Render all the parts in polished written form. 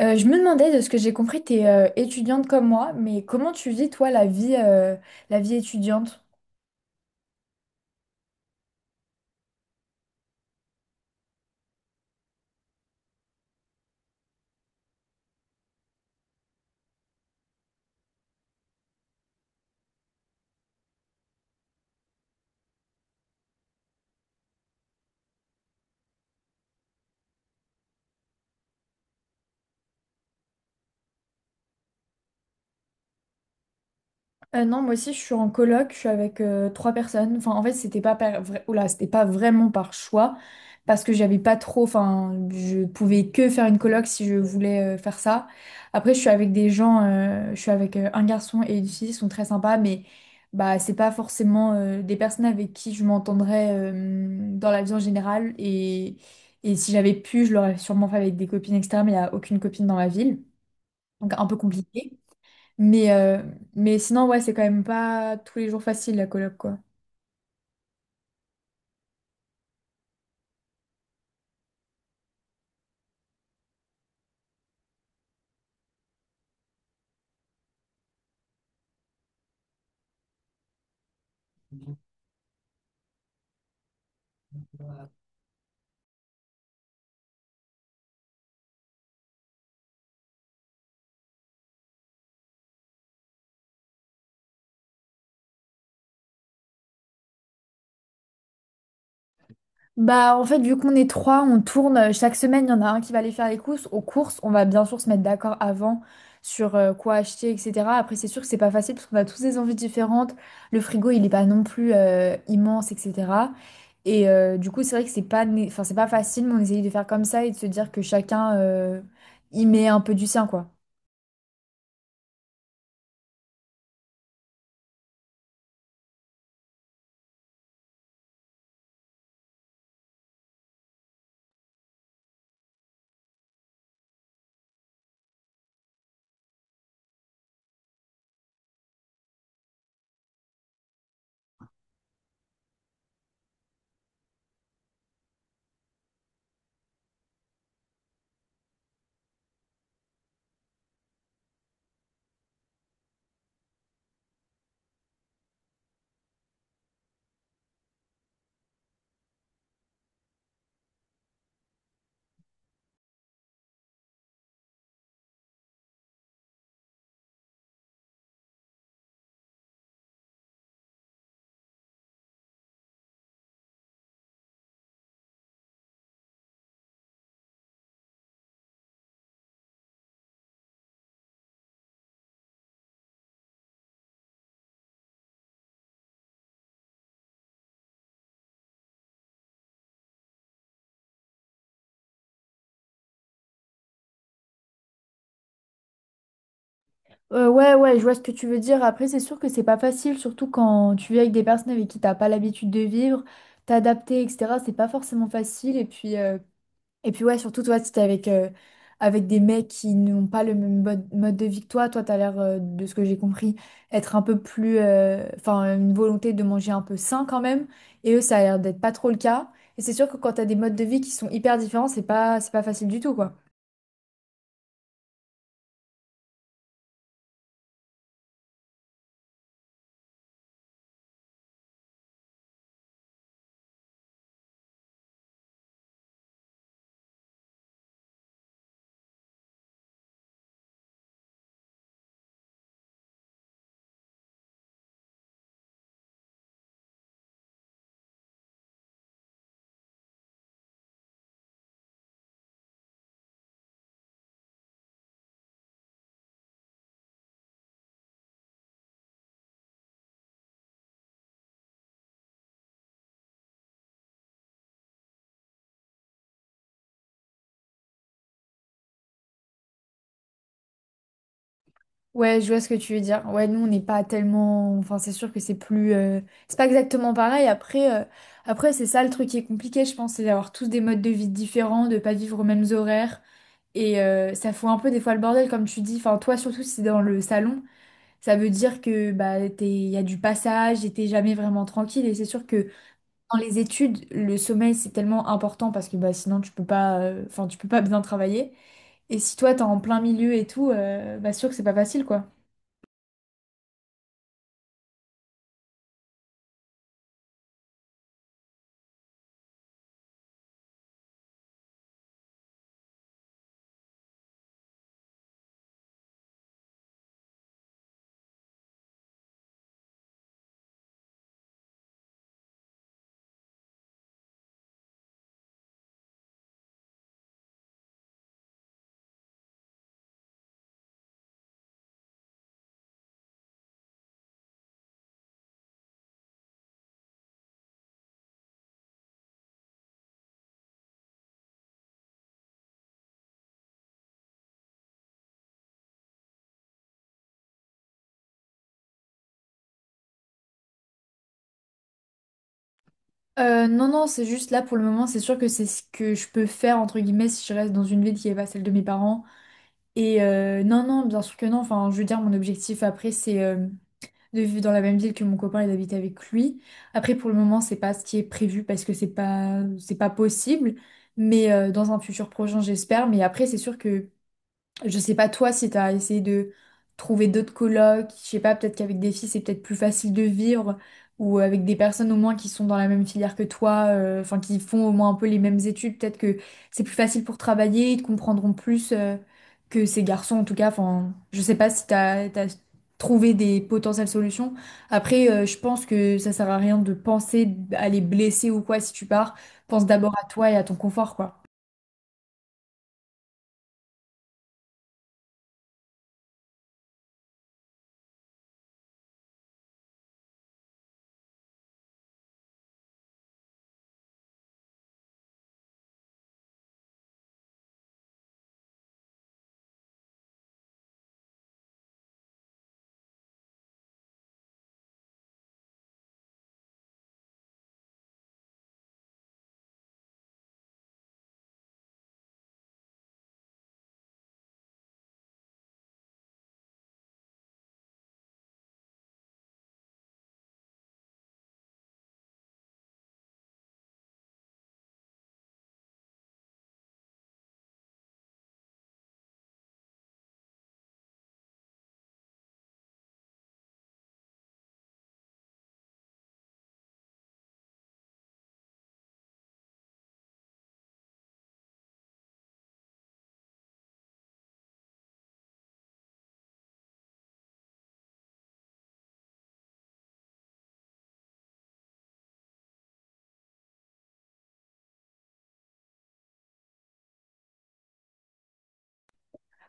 Je me demandais, de ce que j'ai compris, t'es es étudiante comme moi, mais comment tu vis, toi, la vie étudiante? Non, moi aussi, je suis en coloc, je suis avec trois personnes. Enfin, en fait, c'était pas vraiment par choix, parce que j'avais pas trop. Enfin, je pouvais que faire une coloc si je voulais faire ça. Après, je suis avec des gens, je suis avec un garçon et une fille, ils sont très sympas, mais bah, c'est pas forcément des personnes avec qui je m'entendrais dans la vie en général. Et si j'avais pu, je l'aurais sûrement fait avec des copines, etc., mais il n'y a aucune copine dans ma ville, donc un peu compliqué. Mais, euh, mais sinon, ouais, c'est quand même pas tous les jours facile la coloc, quoi. Bah, en fait, vu qu'on est trois, on tourne. Chaque semaine, il y en a un qui va aller faire les courses. Aux courses, on va bien sûr se mettre d'accord avant sur quoi acheter, etc. Après, c'est sûr que c'est pas facile parce qu'on a tous des envies différentes. Le frigo, il est pas non plus immense, etc. Et du coup, c'est vrai que c'est pas facile, mais on essaye de faire comme ça et de se dire que chacun y met un peu du sien, quoi. Ouais, ouais, je vois ce que tu veux dire. Après, c'est sûr que c'est pas facile, surtout quand tu vis avec des personnes avec qui t'as pas l'habitude de vivre, t'adapter, etc. C'est pas forcément facile. Et puis ouais, surtout toi, si t'es avec, avec des mecs qui n'ont pas le même mode de vie que toi, toi, t'as l'air, de ce que j'ai compris, être un peu plus, enfin, une volonté de manger un peu sain quand même. Et eux, ça a l'air d'être pas trop le cas. Et c'est sûr que quand t'as des modes de vie qui sont hyper différents, c'est pas facile du tout, quoi. Ouais, je vois ce que tu veux dire. Ouais, nous, on n'est pas tellement... Enfin, c'est sûr que c'est plus... C'est pas exactement pareil. Après c'est ça le truc qui est compliqué, je pense, c'est d'avoir tous des modes de vie différents, de pas vivre aux mêmes horaires. Et ça fout un peu des fois le bordel, comme tu dis. Enfin, toi, surtout si c'est dans le salon, ça veut dire que bah, t'es... y a du passage et t'es jamais vraiment tranquille. Et c'est sûr que dans les études, le sommeil, c'est tellement important parce que bah, sinon, tu peux pas... Enfin, tu peux pas bien travailler. Et si toi, t'es en plein milieu et tout, bah, sûr que c'est pas facile, quoi. Non, non, c'est juste là pour le moment, c'est sûr que c'est ce que je peux faire, entre guillemets, si je reste dans une ville qui n'est pas celle de mes parents. Et non, non, bien sûr que non. Enfin, je veux dire, mon objectif après, c'est de vivre dans la même ville que mon copain et d'habiter avec lui. Après, pour le moment, c'est pas, ce qui est prévu parce que c'est pas possible. Mais dans un futur prochain, j'espère. Mais après, c'est sûr que je sais pas toi si t'as essayé de trouver d'autres colocs, je sais pas, peut-être qu'avec des filles c'est peut-être plus facile de vivre, ou avec des personnes au moins qui sont dans la même filière que toi, enfin qui font au moins un peu les mêmes études, peut-être que c'est plus facile pour travailler, ils te comprendront plus que ces garçons en tout cas, enfin je sais pas si t'as trouvé des potentielles solutions. Après je pense que ça sert à rien de penser à les blesser ou quoi si tu pars, pense d'abord à toi et à ton confort quoi.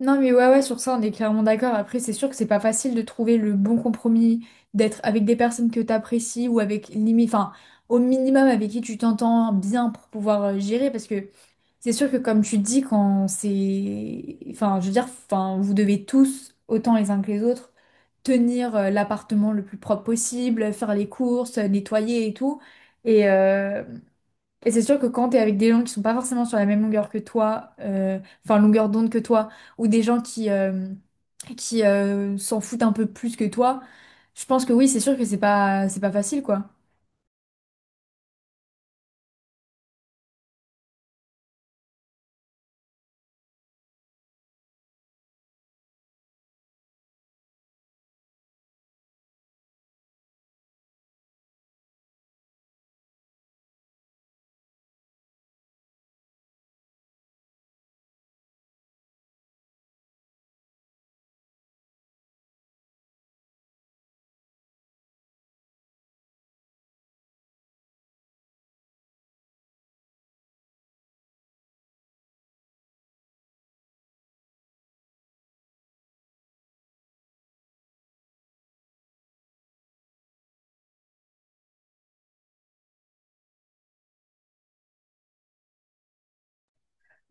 Non, mais ouais, ouais, sur ça, on est clairement d'accord. Après, c'est sûr que c'est pas facile de trouver le bon compromis, d'être avec des personnes que t'apprécies ou avec limite, enfin, au minimum avec qui tu t'entends bien pour pouvoir gérer. Parce que c'est sûr que, comme tu dis, quand c'est. Enfin, je veux dire, enfin, vous devez tous, autant les uns que les autres, tenir l'appartement le plus propre possible, faire les courses, nettoyer et tout. Et, euh, et c'est sûr que quand tu es avec des gens qui sont pas forcément sur la même longueur que toi, enfin longueur d'onde que toi, ou des gens qui, s'en foutent un peu plus que toi, je pense que oui, c'est sûr que c'est pas facile, quoi.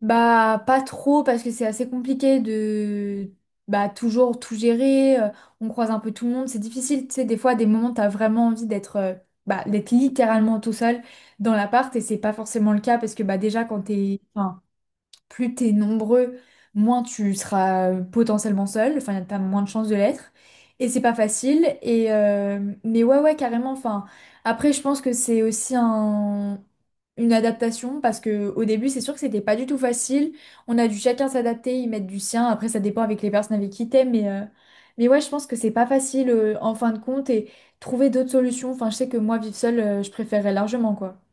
Bah, pas trop, parce que c'est assez compliqué de bah, toujours tout gérer, on croise un peu tout le monde, c'est difficile, tu sais, des fois, des moments, t'as vraiment envie d'être bah, d'être littéralement tout seul dans l'appart, et c'est pas forcément le cas, parce que bah, déjà, quand t'es... Enfin, plus t'es nombreux, moins tu seras potentiellement seul, enfin t'as moins de chances de l'être. Et c'est pas facile. Et mais ouais carrément. Enfin après je pense que c'est aussi un une adaptation parce que au début c'est sûr que c'était pas du tout facile. On a dû chacun s'adapter, y mettre du sien. Après ça dépend avec les personnes avec qui t'es, mais ouais je pense que c'est pas facile en fin de compte et trouver d'autres solutions. Enfin je sais que moi vivre seule je préférerais largement quoi.